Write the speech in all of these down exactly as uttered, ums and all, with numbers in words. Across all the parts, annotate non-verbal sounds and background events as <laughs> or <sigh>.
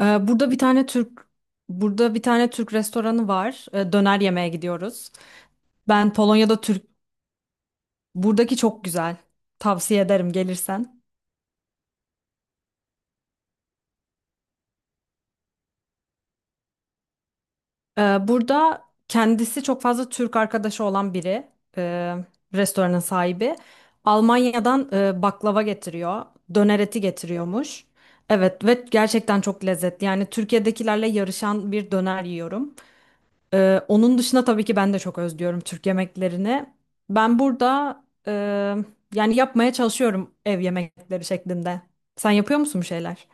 Ee, Burada bir tane Türk burada bir tane Türk restoranı var. Ee, Döner yemeye gidiyoruz. Ben Polonya'da Türk buradaki çok güzel. Tavsiye ederim gelirsen. Ee, Burada kendisi çok fazla Türk arkadaşı olan biri, e, restoranın sahibi. Almanya'dan e, baklava getiriyor, döner eti getiriyormuş. Evet ve gerçekten çok lezzetli. Yani Türkiye'dekilerle yarışan bir döner yiyorum. Ee, onun dışında tabii ki ben de çok özlüyorum Türk yemeklerini. Ben burada e, yani yapmaya çalışıyorum ev yemekleri şeklinde. Sen yapıyor musun bir şeyler?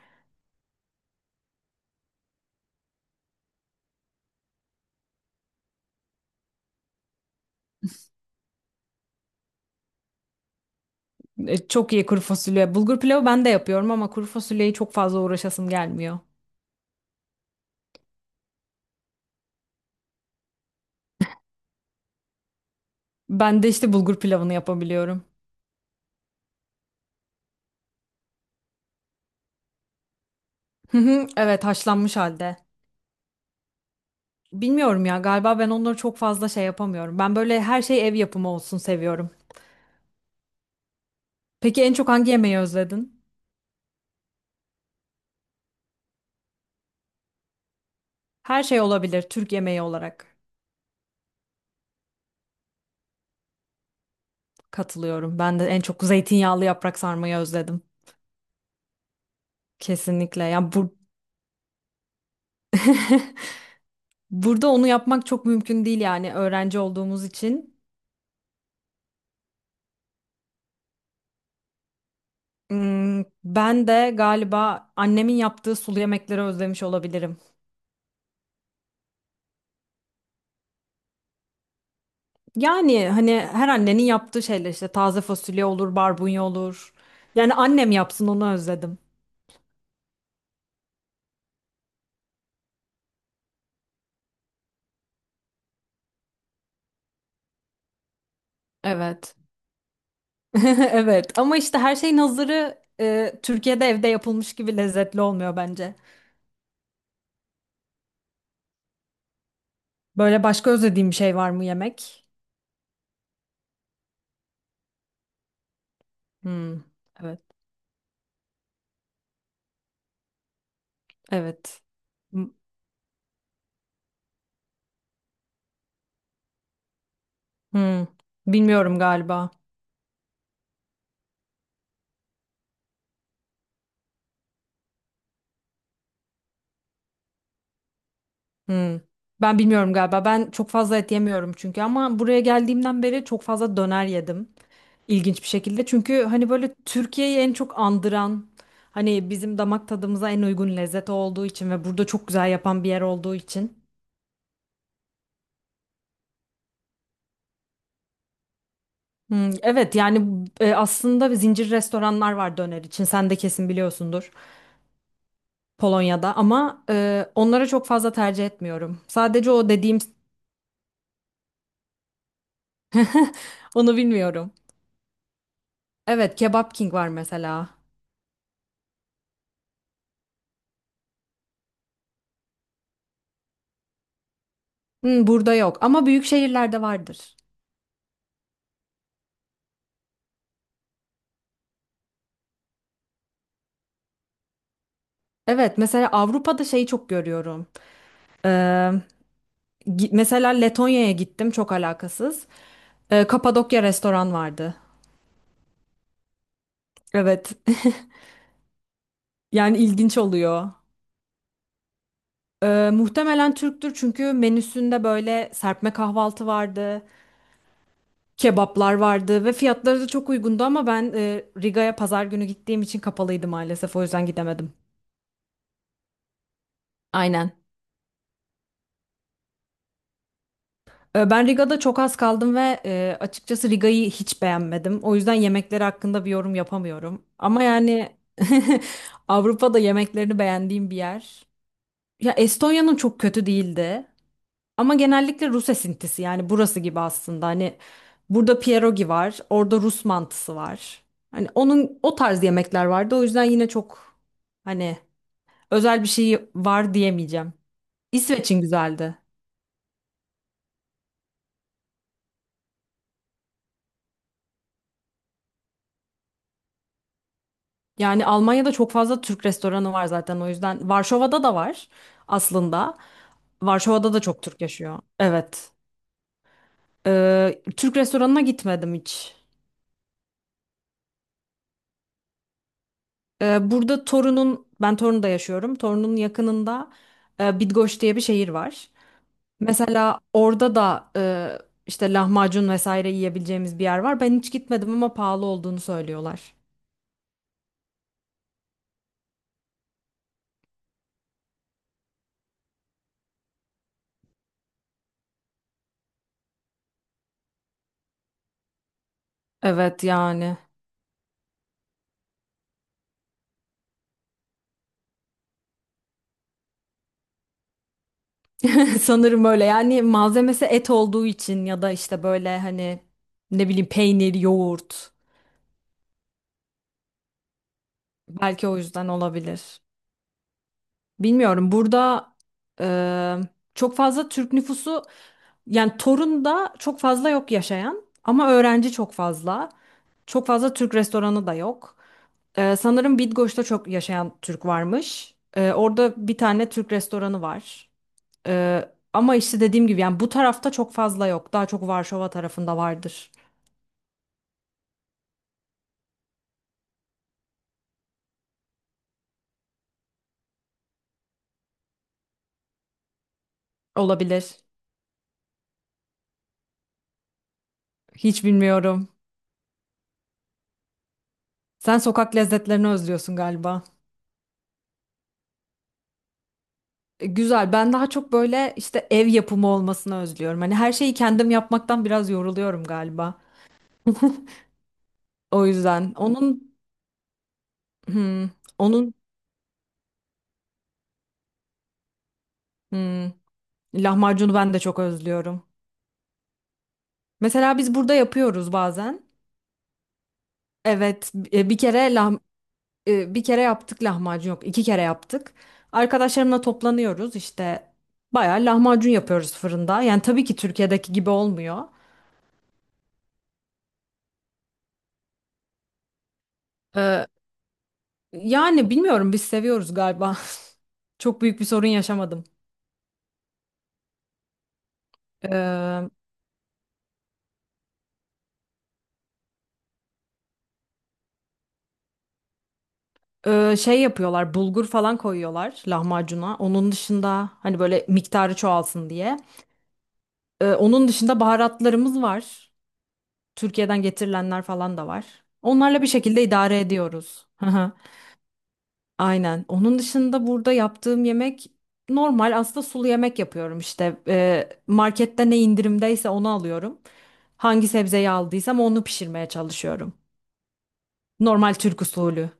E, çok iyi kuru fasulye. Bulgur pilavı ben de yapıyorum ama kuru fasulyeyi çok fazla uğraşasım gelmiyor. Ben de işte bulgur pilavını yapabiliyorum. Hı hı. Evet, haşlanmış halde. Bilmiyorum ya, galiba ben onları çok fazla şey yapamıyorum. Ben böyle her şey ev yapımı olsun seviyorum. Peki en çok hangi yemeği özledin? Her şey olabilir Türk yemeği olarak. Katılıyorum. Ben de en çok zeytinyağlı yaprak sarmayı özledim. Kesinlikle. Yani bu <laughs> burada onu yapmak çok mümkün değil yani öğrenci olduğumuz için. Hmm. Ben de galiba annemin yaptığı sulu yemekleri özlemiş olabilirim. Yani hani her annenin yaptığı şeyler işte taze fasulye olur, barbunya olur. Yani annem yapsın onu özledim. Evet. <laughs> Evet ama işte her şeyin hazırı e, Türkiye'de evde yapılmış gibi lezzetli olmuyor bence. Böyle başka özlediğim bir şey var mı yemek? Hmm, evet, evet. Hmm, hmm. Bilmiyorum galiba. Hmm. Ben bilmiyorum galiba. Ben çok fazla et yemiyorum çünkü ama buraya geldiğimden beri çok fazla döner yedim. İlginç bir şekilde. Çünkü hani böyle Türkiye'yi en çok andıran, hani bizim damak tadımıza en uygun lezzet olduğu için ve burada çok güzel yapan bir yer olduğu için. Hmm, evet yani e, aslında zincir restoranlar var döner için. Sen de kesin biliyorsundur. Polonya'da ama e, onlara çok fazla tercih etmiyorum. Sadece o dediğim <laughs> Onu bilmiyorum. Evet, Kebap King var mesela. Hmm, burada yok ama büyük şehirlerde vardır. Evet, mesela Avrupa'da şeyi çok görüyorum. Ee, gi- Mesela Letonya'ya gittim, çok alakasız. Ee, Kapadokya restoran vardı. Evet. <laughs> Yani ilginç oluyor. Ee, muhtemelen Türktür çünkü menüsünde böyle serpme kahvaltı vardı, kebaplar vardı ve fiyatları da çok uygundu ama ben e, Riga'ya pazar günü gittiğim için kapalıydı maalesef, o yüzden gidemedim. Aynen. Ee, Ben Riga'da çok az kaldım ve e, açıkçası Riga'yı hiç beğenmedim. O yüzden yemekleri hakkında bir yorum yapamıyorum. Ama yani <laughs> Avrupa'da yemeklerini beğendiğim bir yer. Ya Estonya'nın çok kötü değildi. Ama genellikle Rus esintisi, yani burası gibi aslında. Hani burada pierogi var, orada Rus mantısı var. Hani onun o tarz yemekler vardı. O yüzden yine çok hani özel bir şey var diyemeyeceğim. İsveç'in güzeldi. Yani Almanya'da çok fazla Türk restoranı var zaten o yüzden. Varşova'da da var aslında. Varşova'da da çok Türk yaşıyor. Evet. Ee, Türk restoranına gitmedim hiç. Ee, burada Torun'un, ben Torun'da yaşıyorum. Torun'un yakınında e, Bidgoş diye bir şehir var. Mesela orada da e, işte lahmacun vesaire yiyebileceğimiz bir yer var. Ben hiç gitmedim ama pahalı olduğunu söylüyorlar. Evet yani. <laughs> Sanırım öyle, yani malzemesi et olduğu için ya da işte böyle hani ne bileyim peynir, yoğurt belki o yüzden olabilir. Bilmiyorum, burada e, çok fazla Türk nüfusu, yani Torun'da çok fazla yok yaşayan ama öğrenci çok fazla. Çok fazla Türk restoranı da yok. E, sanırım Bitgoç'ta çok yaşayan Türk varmış. E, orada bir tane Türk restoranı var. E, ama işte dediğim gibi yani bu tarafta çok fazla yok. Daha çok Varşova tarafında vardır. Olabilir. Hiç bilmiyorum. Sen sokak lezzetlerini özlüyorsun galiba. E, güzel. Ben daha çok böyle işte ev yapımı olmasını özlüyorum. Hani her şeyi kendim yapmaktan biraz yoruluyorum galiba. <laughs> O yüzden onun hmm, onun hmm, lahmacunu ben de çok özlüyorum. Mesela biz burada yapıyoruz bazen. Evet, e, bir kere lah, e, bir kere yaptık lahmacun yok, iki kere yaptık. Arkadaşlarımla toplanıyoruz, işte bayağı lahmacun yapıyoruz fırında. Yani tabii ki Türkiye'deki gibi olmuyor. Ee, Yani bilmiyorum biz seviyoruz galiba. <laughs> Çok büyük bir sorun yaşamadım. Ee, e, Şey yapıyorlar, bulgur falan koyuyorlar lahmacuna. Onun dışında hani böyle miktarı çoğalsın diye. Ee, onun dışında baharatlarımız var. Türkiye'den getirilenler falan da var. Onlarla bir şekilde idare ediyoruz. <laughs> Aynen. Onun dışında burada yaptığım yemek normal, aslında sulu yemek yapıyorum işte. Ee, markette ne indirimdeyse onu alıyorum. Hangi sebzeyi aldıysam onu pişirmeye çalışıyorum. Normal Türk usulü.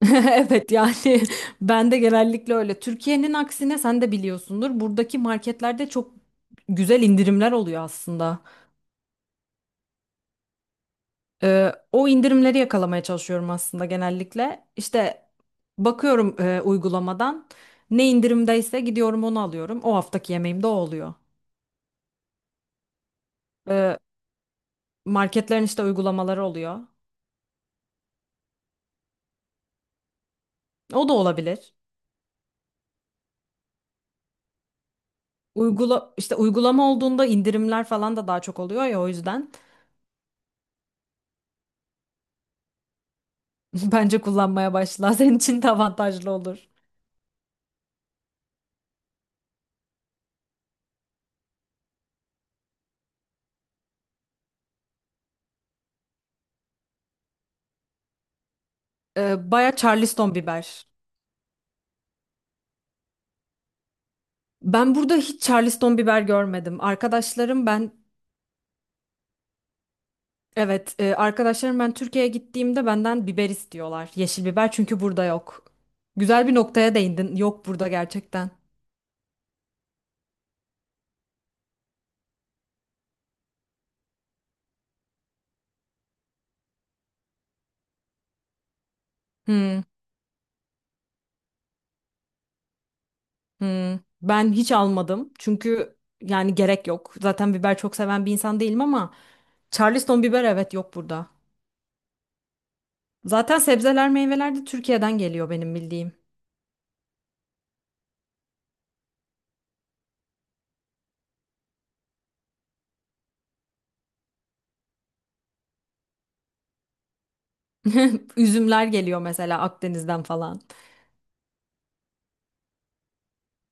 <laughs> Evet yani <laughs> ben de genellikle öyle. Türkiye'nin aksine sen de biliyorsundur. Buradaki marketlerde çok güzel indirimler oluyor aslında. Ee, o indirimleri yakalamaya çalışıyorum aslında genellikle. İşte bakıyorum e, uygulamadan ne indirimdeyse gidiyorum onu alıyorum. O haftaki yemeğim de o oluyor. Ee, Marketlerin işte uygulamaları oluyor. O da olabilir. Uygula işte uygulama olduğunda indirimler falan da daha çok oluyor ya, o yüzden <laughs> bence kullanmaya başla. Senin için de avantajlı olur. Ee, baya Charleston biber. Ben burada hiç Charleston biber görmedim. Arkadaşlarım ben Evet, e, arkadaşlarım ben Türkiye'ye gittiğimde benden biber istiyorlar. Yeşil biber çünkü burada yok. Güzel bir noktaya değindin. Yok burada gerçekten. Hmm, hmm. Ben hiç almadım. Çünkü yani gerek yok. Zaten biber çok seven bir insan değilim ama Charleston biber, evet, yok burada. Zaten sebzeler, meyveler de Türkiye'den geliyor benim bildiğim. <laughs> Üzümler geliyor mesela Akdeniz'den falan.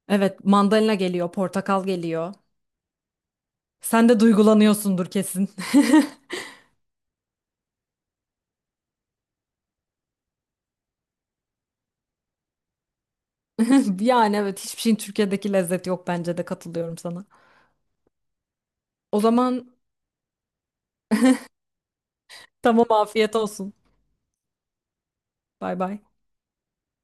Evet, mandalina geliyor, portakal geliyor. Sen de duygulanıyorsundur kesin. <laughs> <laughs> Yani evet, hiçbir şeyin Türkiye'deki lezzeti yok bence de, katılıyorum sana. O zaman tamam, afiyet olsun. Bay bay.